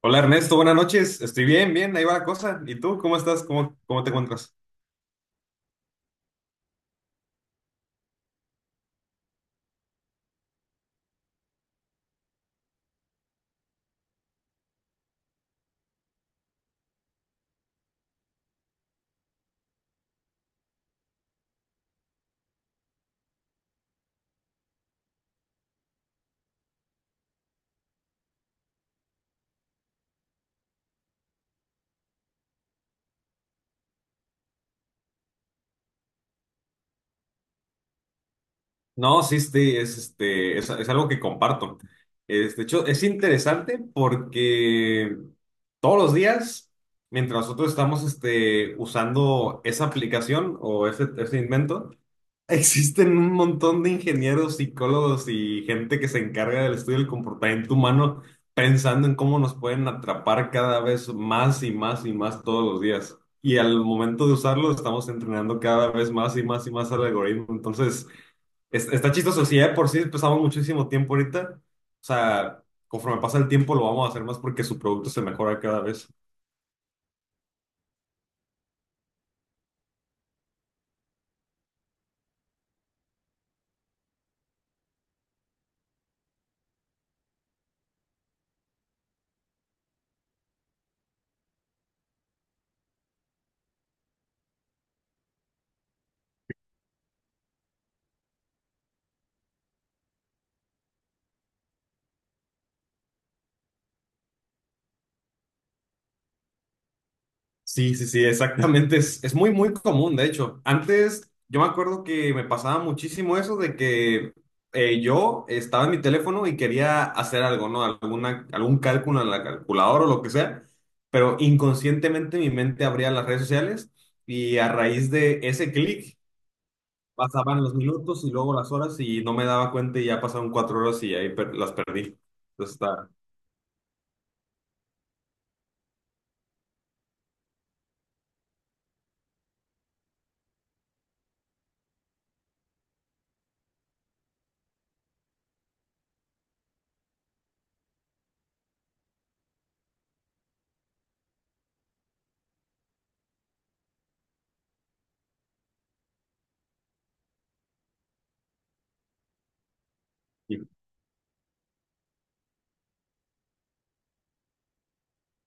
Hola Ernesto, buenas noches. Estoy bien, bien, ahí va la cosa. ¿Y tú cómo estás? ¿Cómo te encuentras? No, sí, es, es algo que comparto. Es, de hecho, es interesante porque todos los días, mientras nosotros estamos usando esa aplicación o ese invento, existen un montón de ingenieros, psicólogos y gente que se encarga del estudio del comportamiento humano pensando en cómo nos pueden atrapar cada vez más y más y más todos los días. Y al momento de usarlo, estamos entrenando cada vez más y más y más al algoritmo. Entonces, está chistoso. Si ya de por sí pasamos muchísimo tiempo ahorita, o sea, conforme pasa el tiempo lo vamos a hacer más porque su producto se mejora cada vez. Sí, sí, sí, exactamente. Es muy, muy común, de hecho. Antes yo me acuerdo que me pasaba muchísimo eso de que yo estaba en mi teléfono y quería hacer algo, ¿no? Algún cálculo en la calculadora o lo que sea, pero inconscientemente mi mente abría las redes sociales y a raíz de ese clic pasaban los minutos y luego las horas y no me daba cuenta y ya pasaron cuatro horas y ahí las perdí. Entonces está.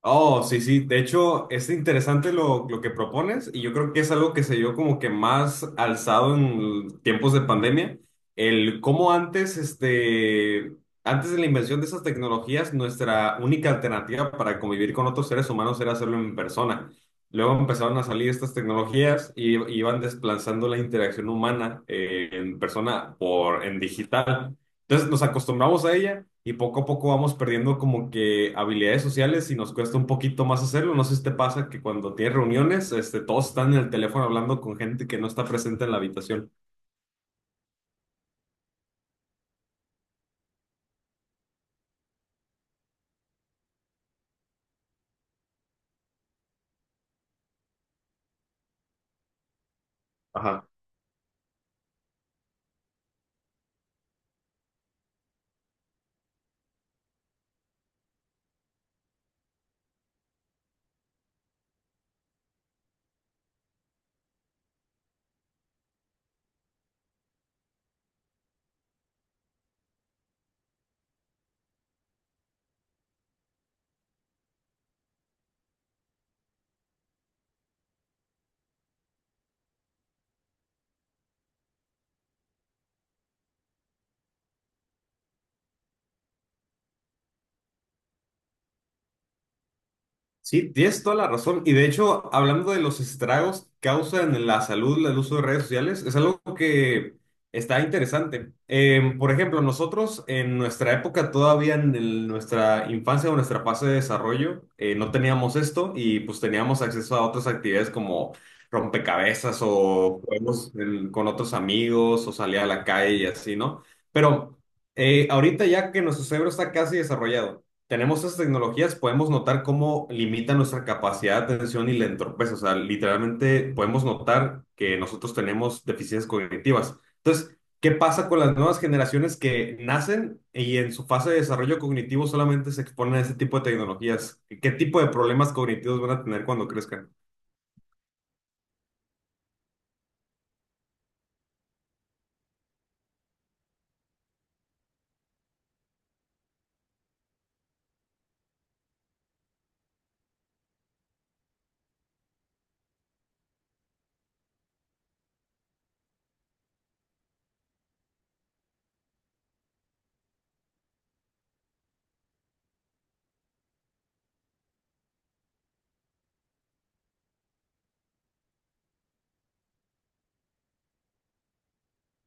Oh, sí, sí. De hecho, es interesante lo que propones y yo creo que es algo que se dio como que más alzado en tiempos de pandemia. El cómo antes, antes de la invención de esas tecnologías, nuestra única alternativa para convivir con otros seres humanos era hacerlo en persona. Luego empezaron a salir estas tecnologías y iban desplazando la interacción humana en persona por en digital. Entonces nos acostumbramos a ella y poco a poco vamos perdiendo como que habilidades sociales y nos cuesta un poquito más hacerlo. No sé si te pasa que cuando tienes reuniones, todos están en el teléfono hablando con gente que no está presente en la habitación. Ajá. Sí, tienes toda la razón. Y de hecho, hablando de los estragos que causan en la salud el uso de redes sociales, es algo que está interesante. Por ejemplo, nosotros en nuestra época, todavía en nuestra infancia o nuestra fase de desarrollo, no teníamos esto y pues teníamos acceso a otras actividades como rompecabezas o juegos con otros amigos o salir a la calle y así, ¿no? Pero ahorita ya que nuestro cerebro está casi desarrollado tenemos esas tecnologías, podemos notar cómo limita nuestra capacidad de atención y la entorpece. O sea, literalmente podemos notar que nosotros tenemos deficiencias cognitivas. Entonces, ¿qué pasa con las nuevas generaciones que nacen y en su fase de desarrollo cognitivo solamente se exponen a ese tipo de tecnologías? ¿Qué tipo de problemas cognitivos van a tener cuando crezcan?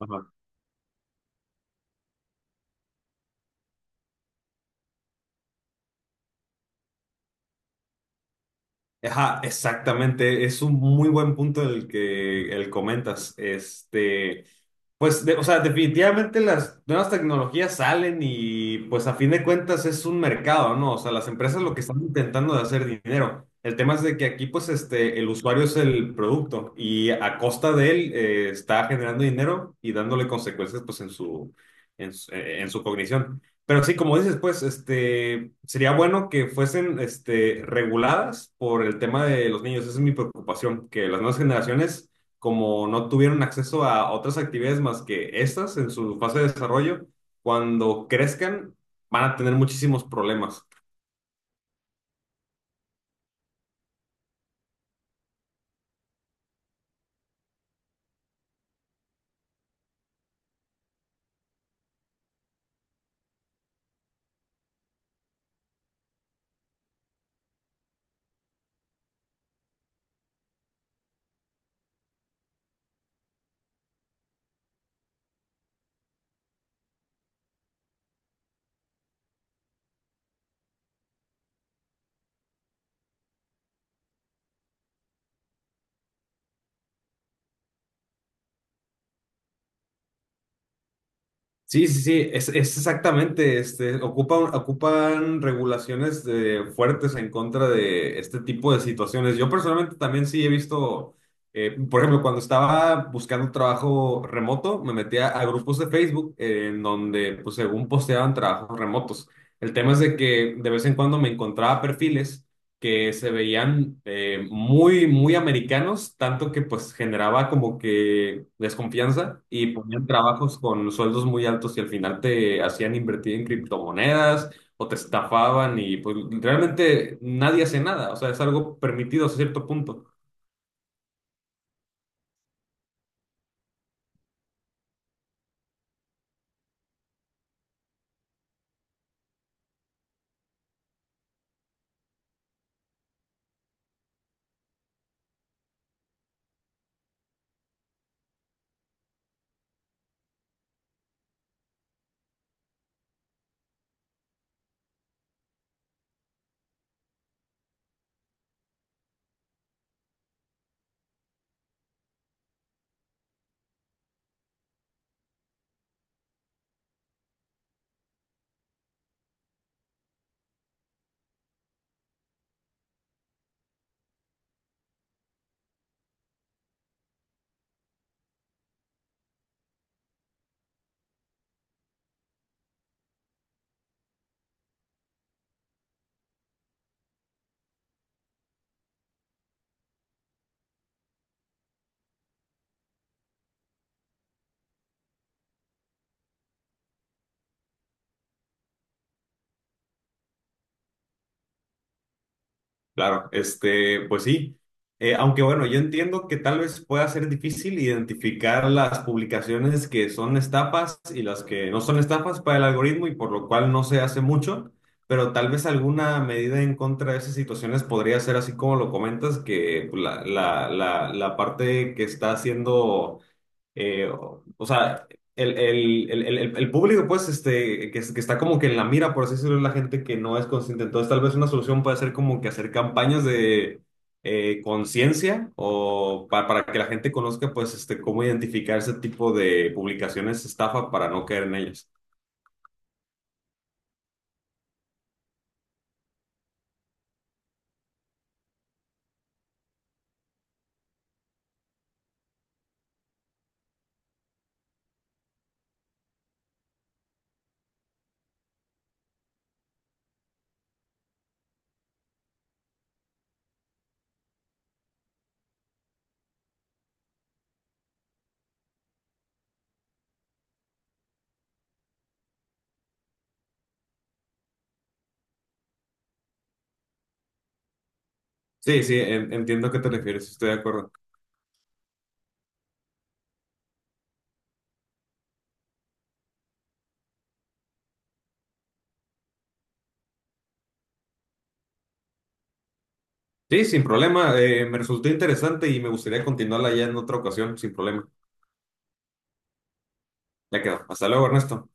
Ajá. Ajá, exactamente. Es un muy buen punto el que el comentas. Pues, o sea, definitivamente las nuevas tecnologías salen y pues a fin de cuentas es un mercado, ¿no? O sea, las empresas lo que están intentando de hacer dinero. El tema es de que aquí pues el usuario es el producto y a costa de él está generando dinero y dándole consecuencias pues en su, en su, en su cognición. Pero sí, como dices, pues sería bueno que fuesen reguladas por el tema de los niños. Esa es mi preocupación, que las nuevas generaciones como no tuvieron acceso a otras actividades más que estas en su fase de desarrollo, cuando crezcan van a tener muchísimos problemas. Sí, sí, sí, es exactamente, ocupan, ocupan regulaciones fuertes en contra de este tipo de situaciones. Yo personalmente también sí he visto, por ejemplo, cuando estaba buscando trabajo remoto, me metía a grupos de Facebook en donde, pues, según posteaban trabajos remotos. El tema es de que de vez en cuando me encontraba perfiles que se veían muy, muy americanos, tanto que pues generaba como que desconfianza y ponían trabajos con sueldos muy altos y al final te hacían invertir en criptomonedas o te estafaban y pues realmente nadie hace nada, o sea, es algo permitido a cierto punto. Claro, pues sí. Aunque bueno, yo entiendo que tal vez pueda ser difícil identificar las publicaciones que son estafas y las que no son estafas para el algoritmo y por lo cual no se hace mucho, pero tal vez alguna medida en contra de esas situaciones podría ser así como lo comentas, que la parte que está haciendo o sea, el público, pues, que, que está como que en la mira, por así decirlo, es la gente que no es consciente. Entonces, tal vez una solución puede ser como que hacer campañas de conciencia o para que la gente conozca, pues, cómo identificar ese tipo de publicaciones estafa para no caer en ellas. Sí, sí, entiendo a qué te refieres, estoy de acuerdo. Sí, sin problema, me resultó interesante y me gustaría continuarla ya en otra ocasión, sin problema. Ya quedó. Hasta luego, Ernesto.